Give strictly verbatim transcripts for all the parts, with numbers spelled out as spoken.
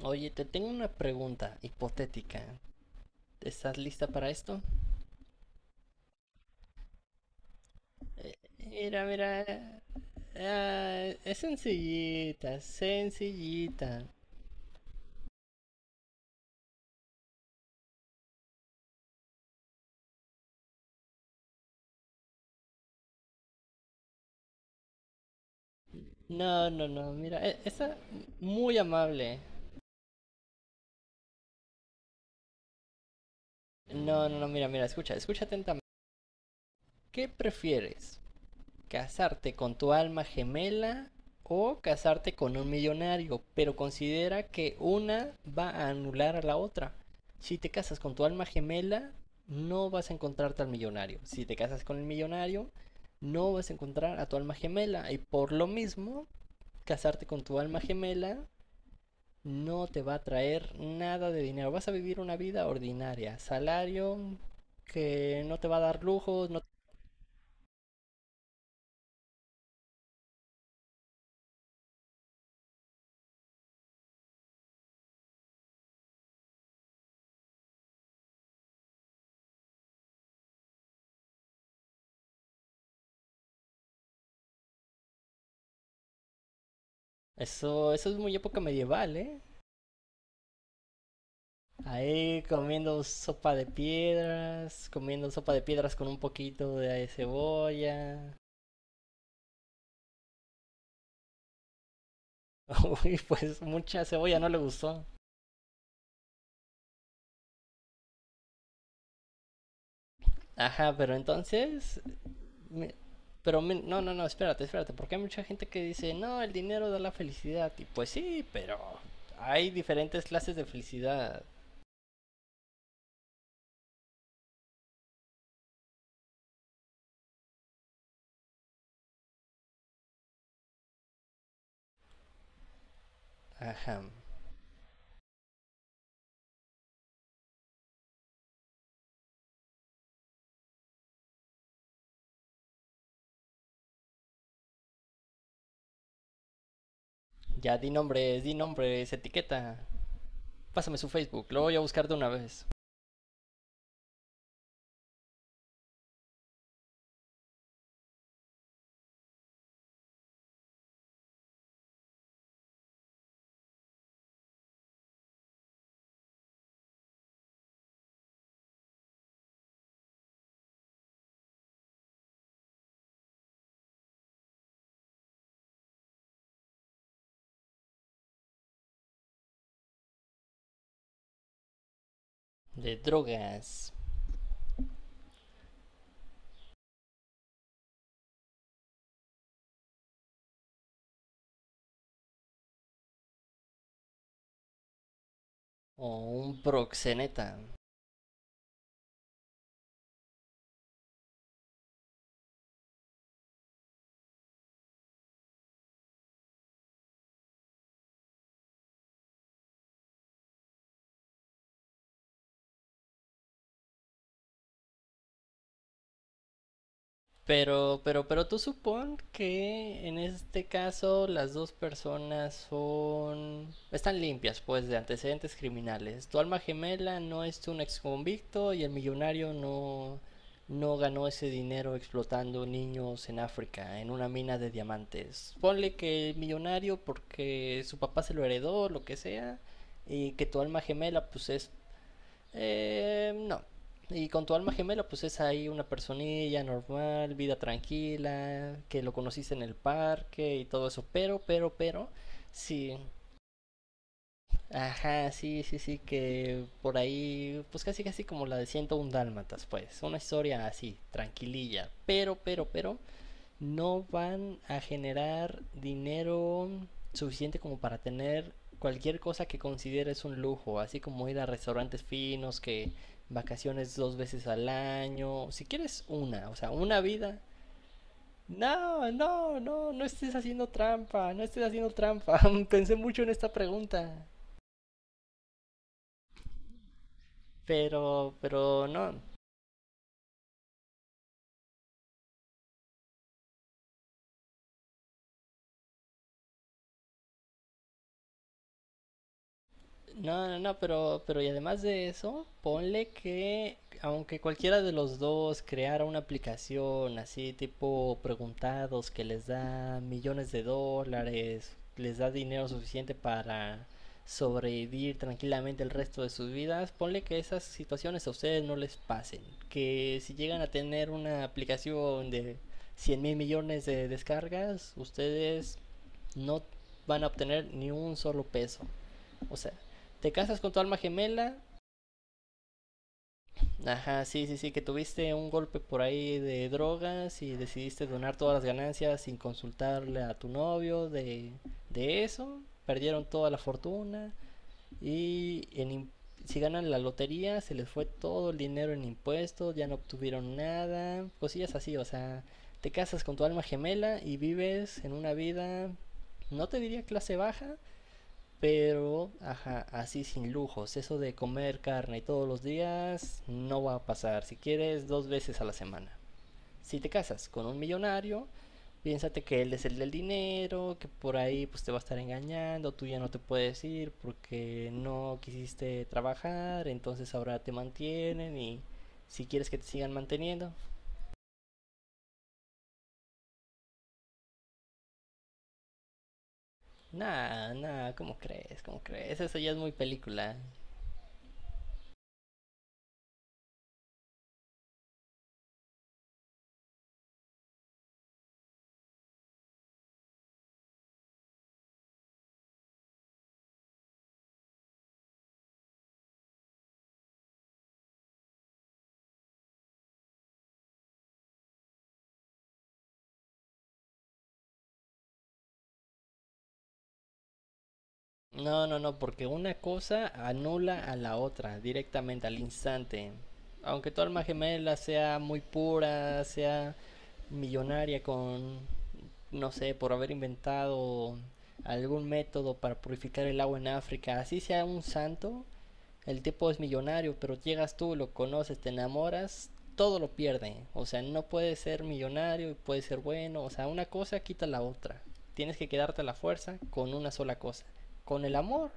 Oye, te tengo una pregunta hipotética. ¿Estás lista para esto? Eh, Mira, mira. Ah, es sencillita, sencillita. No, no, no, mira, e- está muy amable. No, no, no, mira, mira, escucha, escucha atentamente. ¿Qué prefieres? Casarte con tu alma gemela o casarte con un millonario, pero considera que una va a anular a la otra. Si te casas con tu alma gemela, no vas a encontrarte al millonario. Si te casas con el millonario, no vas a encontrar a tu alma gemela. Y por lo mismo, casarte con tu alma gemela no te va a traer nada de dinero. Vas a vivir una vida ordinaria. Salario que no te va a dar lujos. no- Eso, eso es muy época medieval, ¿eh? Ahí comiendo sopa de piedras, comiendo sopa de piedras con un poquito de cebolla. Uy, pues mucha cebolla no le gustó. Ajá, pero entonces... me- Pero me- no, no, no, espérate, espérate, porque hay mucha gente que dice, no, el dinero da la felicidad. Y pues sí, pero hay diferentes clases de felicidad. Ajá. Ya di nombres, di nombres, etiqueta. Pásame su Facebook, lo voy a buscar de una vez. De drogas. O un proxeneta. Pero, pero, pero tú supón que en este caso las dos personas son... están limpias, pues, de antecedentes criminales. Tu alma gemela no es un exconvicto y el millonario no, no ganó ese dinero explotando niños en África, en una mina de diamantes. Ponle que el millonario porque su papá se lo heredó, lo que sea, y que tu alma gemela pues es eh, no. Y con tu alma gemela, pues es ahí una personilla normal, vida tranquila, que lo conociste en el parque y todo eso. Pero, pero, pero, sí. Ajá, sí, sí, sí, que por ahí, pues casi, casi como la de ciento un Dálmatas, pues. Una historia así, tranquililla. Pero, pero, pero, no van a generar dinero suficiente como para tener cualquier cosa que consideres un lujo, así como ir a restaurantes finos, que vacaciones dos veces al año, si quieres una, o sea, una vida. No, no, no, no estés haciendo trampa, no estés haciendo trampa. Pensé mucho en esta pregunta, pero, pero no. No, no, no, pero, pero y además de eso, ponle que aunque cualquiera de los dos creara una aplicación así tipo preguntados que les da millones de dólares, les da dinero suficiente para sobrevivir tranquilamente el resto de sus vidas, ponle que esas situaciones a ustedes no les pasen, que si llegan a tener una aplicación de cien mil millones de descargas, ustedes no van a obtener ni un solo peso. O sea, te casas con tu alma gemela. Ajá, sí, sí, sí, que tuviste un golpe por ahí de drogas y decidiste donar todas las ganancias sin consultarle a tu novio de, de eso. Perdieron toda la fortuna y en im- si ganan la lotería se les fue todo el dinero en impuestos, ya no obtuvieron nada, cosillas así, o sea, te casas con tu alma gemela y vives en una vida, no te diría clase baja, pero, ajá, así sin lujos. Eso de comer carne todos los días no va a pasar. Si quieres, dos veces a la semana. Si te casas con un millonario, piénsate que él es el del dinero, que por ahí pues te va a estar engañando, tú ya no te puedes ir porque no quisiste trabajar, entonces ahora te mantienen y si quieres que te sigan manteniendo. Nah, nah, ¿cómo crees? ¿Cómo crees? Eso ya es muy película. No, no, no, porque una cosa anula a la otra directamente, al instante. Aunque tu alma gemela sea muy pura, sea millonaria con no sé, por haber inventado algún método para purificar el agua en África, así sea un santo, el tipo es millonario, pero llegas tú, lo conoces, te enamoras, todo lo pierde. O sea, no puede ser millonario y puede ser bueno. O sea, una cosa quita la otra. Tienes que quedarte a la fuerza con una sola cosa. Con el amor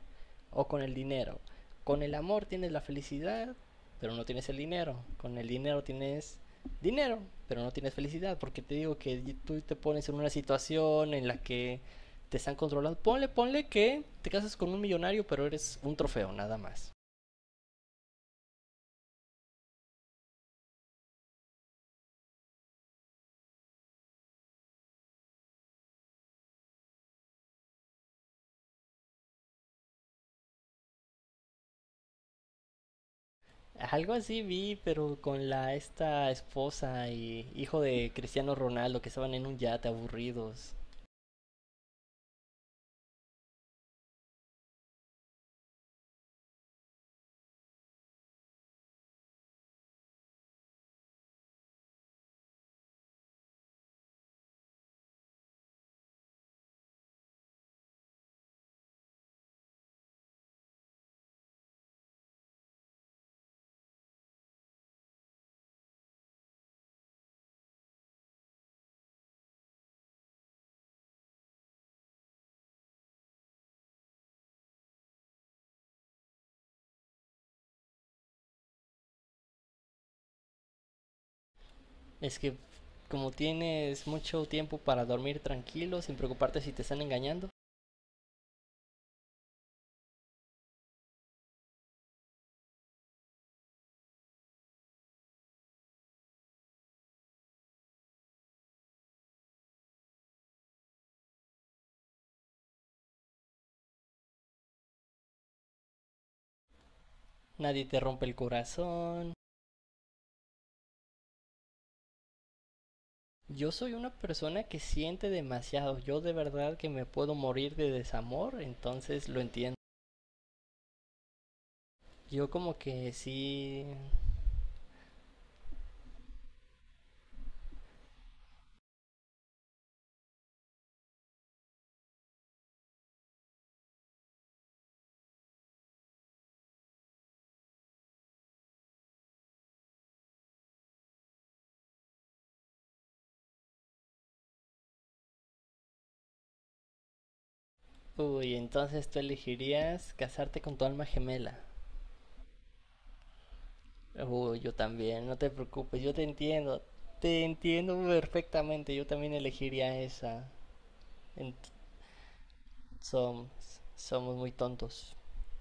o con el dinero. Con el amor tienes la felicidad, pero no tienes el dinero. Con el dinero tienes dinero, pero no tienes felicidad, porque te digo que tú te pones en una situación en la que te están controlando. Ponle, ponle que te casas con un millonario, pero eres un trofeo, nada más. Algo así vi, pero con la esta esposa y hijo de Cristiano Ronaldo que estaban en un yate aburridos. Es que como tienes mucho tiempo para dormir tranquilo, sin preocuparte si te están engañando, nadie te rompe el corazón. Yo soy una persona que siente demasiado. Yo de verdad que me puedo morir de desamor, entonces lo entiendo. Yo como que sí... Uy, entonces tú elegirías casarte con tu alma gemela. Uy, yo también, no te preocupes, yo te entiendo. Te entiendo perfectamente, yo también elegiría esa. Ent- Somos, somos muy tontos.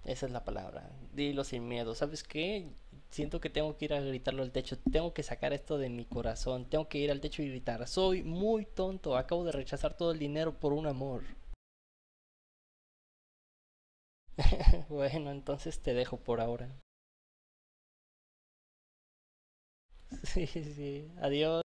Esa es la palabra. Dilo sin miedo. ¿Sabes qué? Siento que tengo que ir a gritarlo al techo. Tengo que sacar esto de mi corazón. Tengo que ir al techo y gritar. Soy muy tonto. Acabo de rechazar todo el dinero por un amor. Bueno, entonces te dejo por ahora. Sí, sí. Adiós.